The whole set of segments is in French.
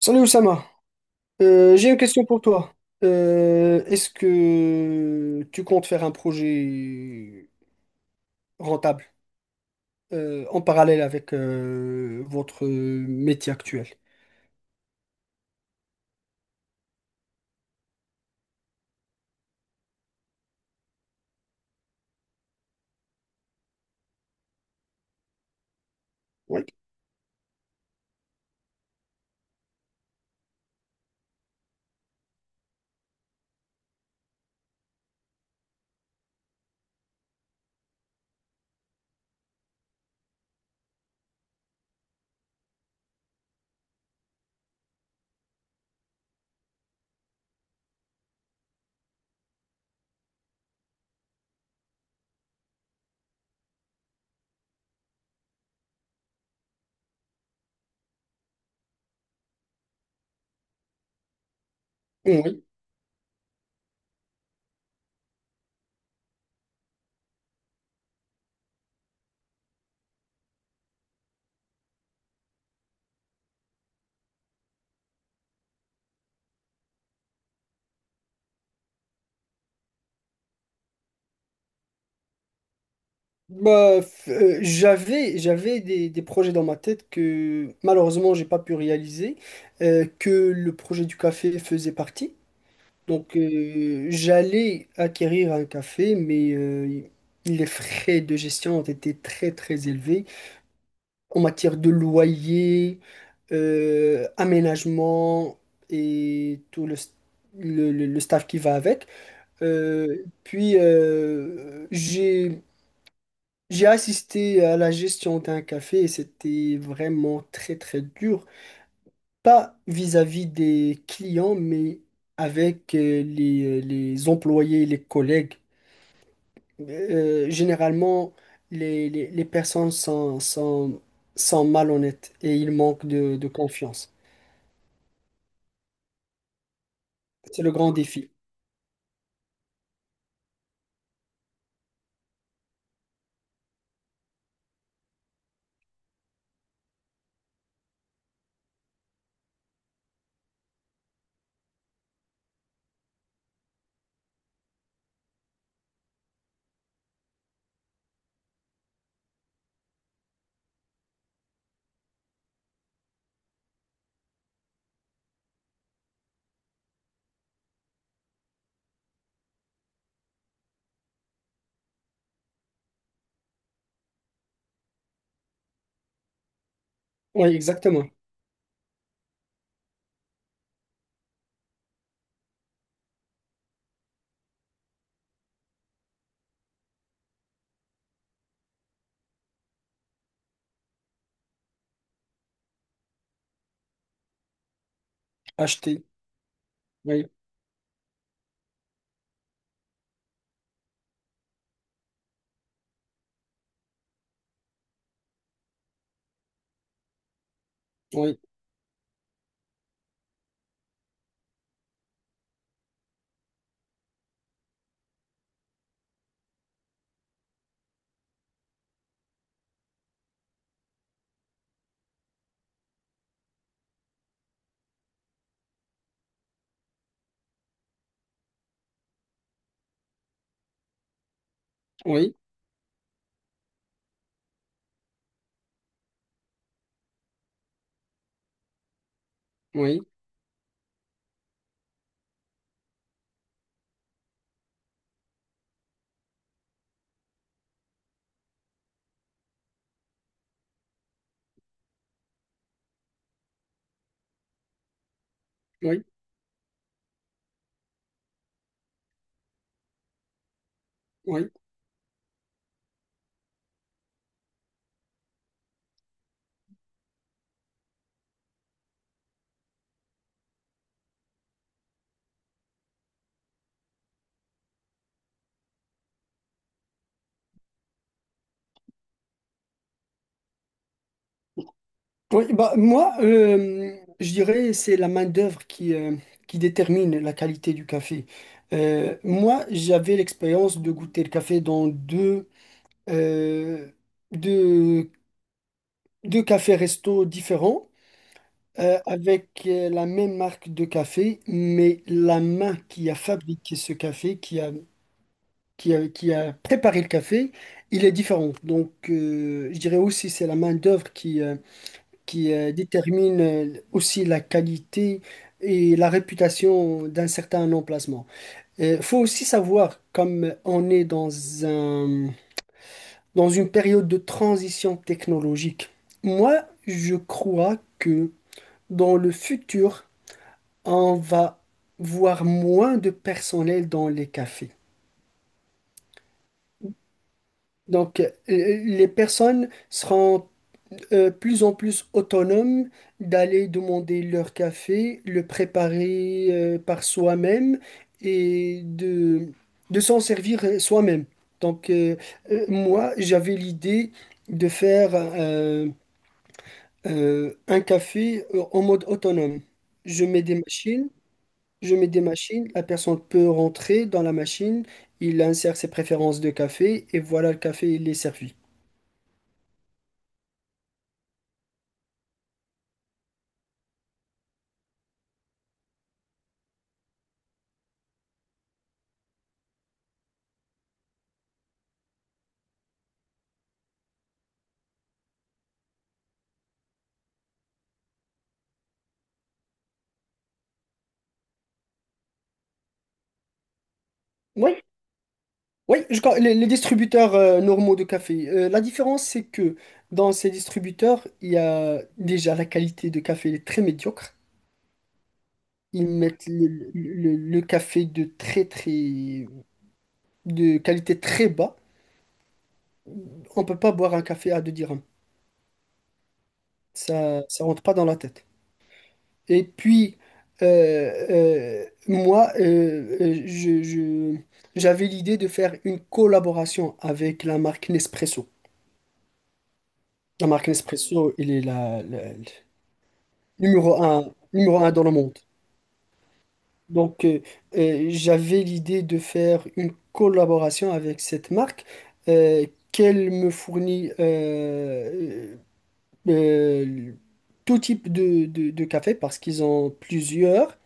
Salut Oussama. J'ai une question pour toi. Est-ce que tu comptes faire un projet rentable en parallèle avec votre métier actuel? Oui. Oui. J'avais des projets dans ma tête que malheureusement j'ai pas pu réaliser, que le projet du café faisait partie. J'allais acquérir un café, mais les frais de gestion ont été très très élevés. En matière de loyer, aménagement et tout le staff qui va avec. Euh, puis, euh, j'ai, j'ai assisté à la gestion d'un café et c'était vraiment très, très dur. Pas vis-à-vis des clients, mais avec les employés et les collègues. Généralement, les personnes sont malhonnêtes et ils manquent de confiance. C'est le grand défi. Oui, exactement. Acheter. Oui, oui, oui, oui, oui, oui. Oui, bah, moi, euh, je dirais c'est la main-d'œuvre qui détermine la qualité du café. Moi, j'avais l'expérience de goûter le café dans euh, deux, deux cafés restos différents. Avec la même marque de café, mais la main qui a fabriqué ce café, qui a préparé le café, il est différent. Je dirais aussi c'est la main-d'œuvre qui détermine aussi la qualité et la réputation d'un certain emplacement. Il faut aussi savoir, comme on est dans un, dans une période de transition technologique, moi, je crois que dans le futur, on va voir moins de personnel dans les cafés. Les personnes seront plus en plus autonomes d'aller demander leur café, le préparer par soi-même et de s'en servir soi-même. Donc, euh, Moi, j'avais l'idée de faire un café en mode autonome. Je mets des machines. Je mets des machines, la personne peut rentrer dans la machine, il insère ses préférences de café et voilà, le café, il est servi. Oui, oui. Les distributeurs normaux de café. La différence, c'est que dans ces distributeurs, il y a déjà la qualité de café, elle est très médiocre. Ils mettent le café de très très de qualité très bas. On peut pas boire un café à 2 dirhams. Ça rentre pas dans la tête. Et puis, euh, moi, je- J'avais l'idée de faire une collaboration avec la marque Nespresso. La marque Nespresso, il est le numéro un dans le monde. Donc, euh, J'avais l'idée de faire une collaboration avec cette marque euh, qu'elle me fournit euh, tout type de café parce qu'ils ont plusieurs.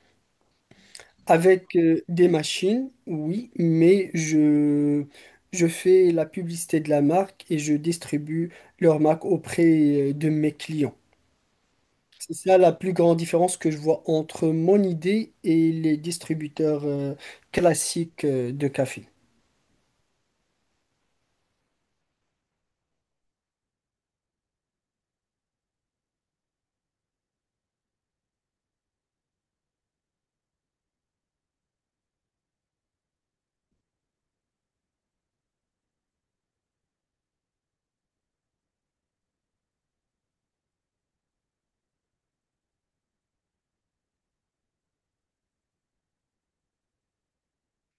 Avec des machines, oui, mais je fais la publicité de la marque et je distribue leur marque auprès de mes clients. C'est ça la plus grande différence que je vois entre mon idée et les distributeurs classiques de café.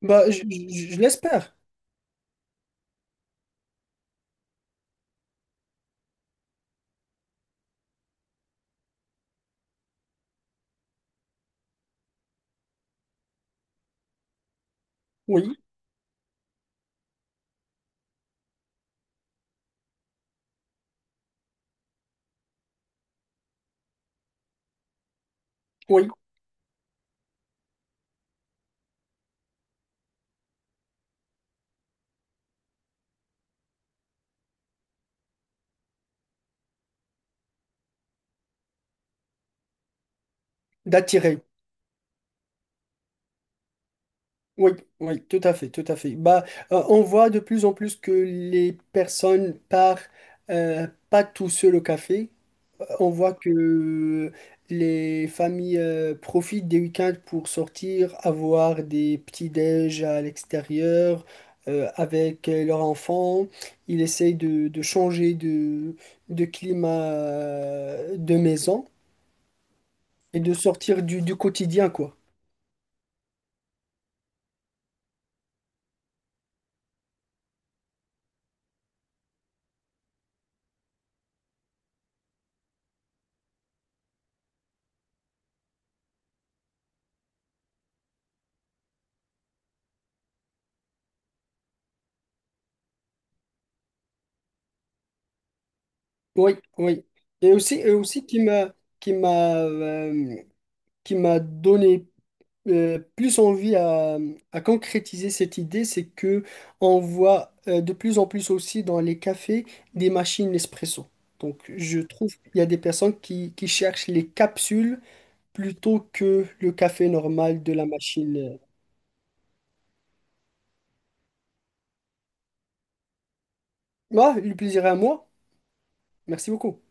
Je l'espère, oui, oui, d'attirer. Oui, oui, tout à fait, tout à fait. On voit de plus en plus que les personnes partent pas tout seul au café. On voit que les familles profitent des week-ends pour sortir, avoir des petits-déj à l'extérieur avec leurs enfants. Ils essayent de changer de climat de maison et de sortir du quotidien, quoi. Oui, oui. Et aussi, qui m'a euh, qui m'a donné plus envie à concrétiser cette idée, c'est que on voit de plus en plus aussi dans les cafés des machines espresso. Donc je trouve qu'il y a des personnes qui cherchent les capsules plutôt que le café normal de la machine. Moi, le plaisir est à moi. Merci beaucoup.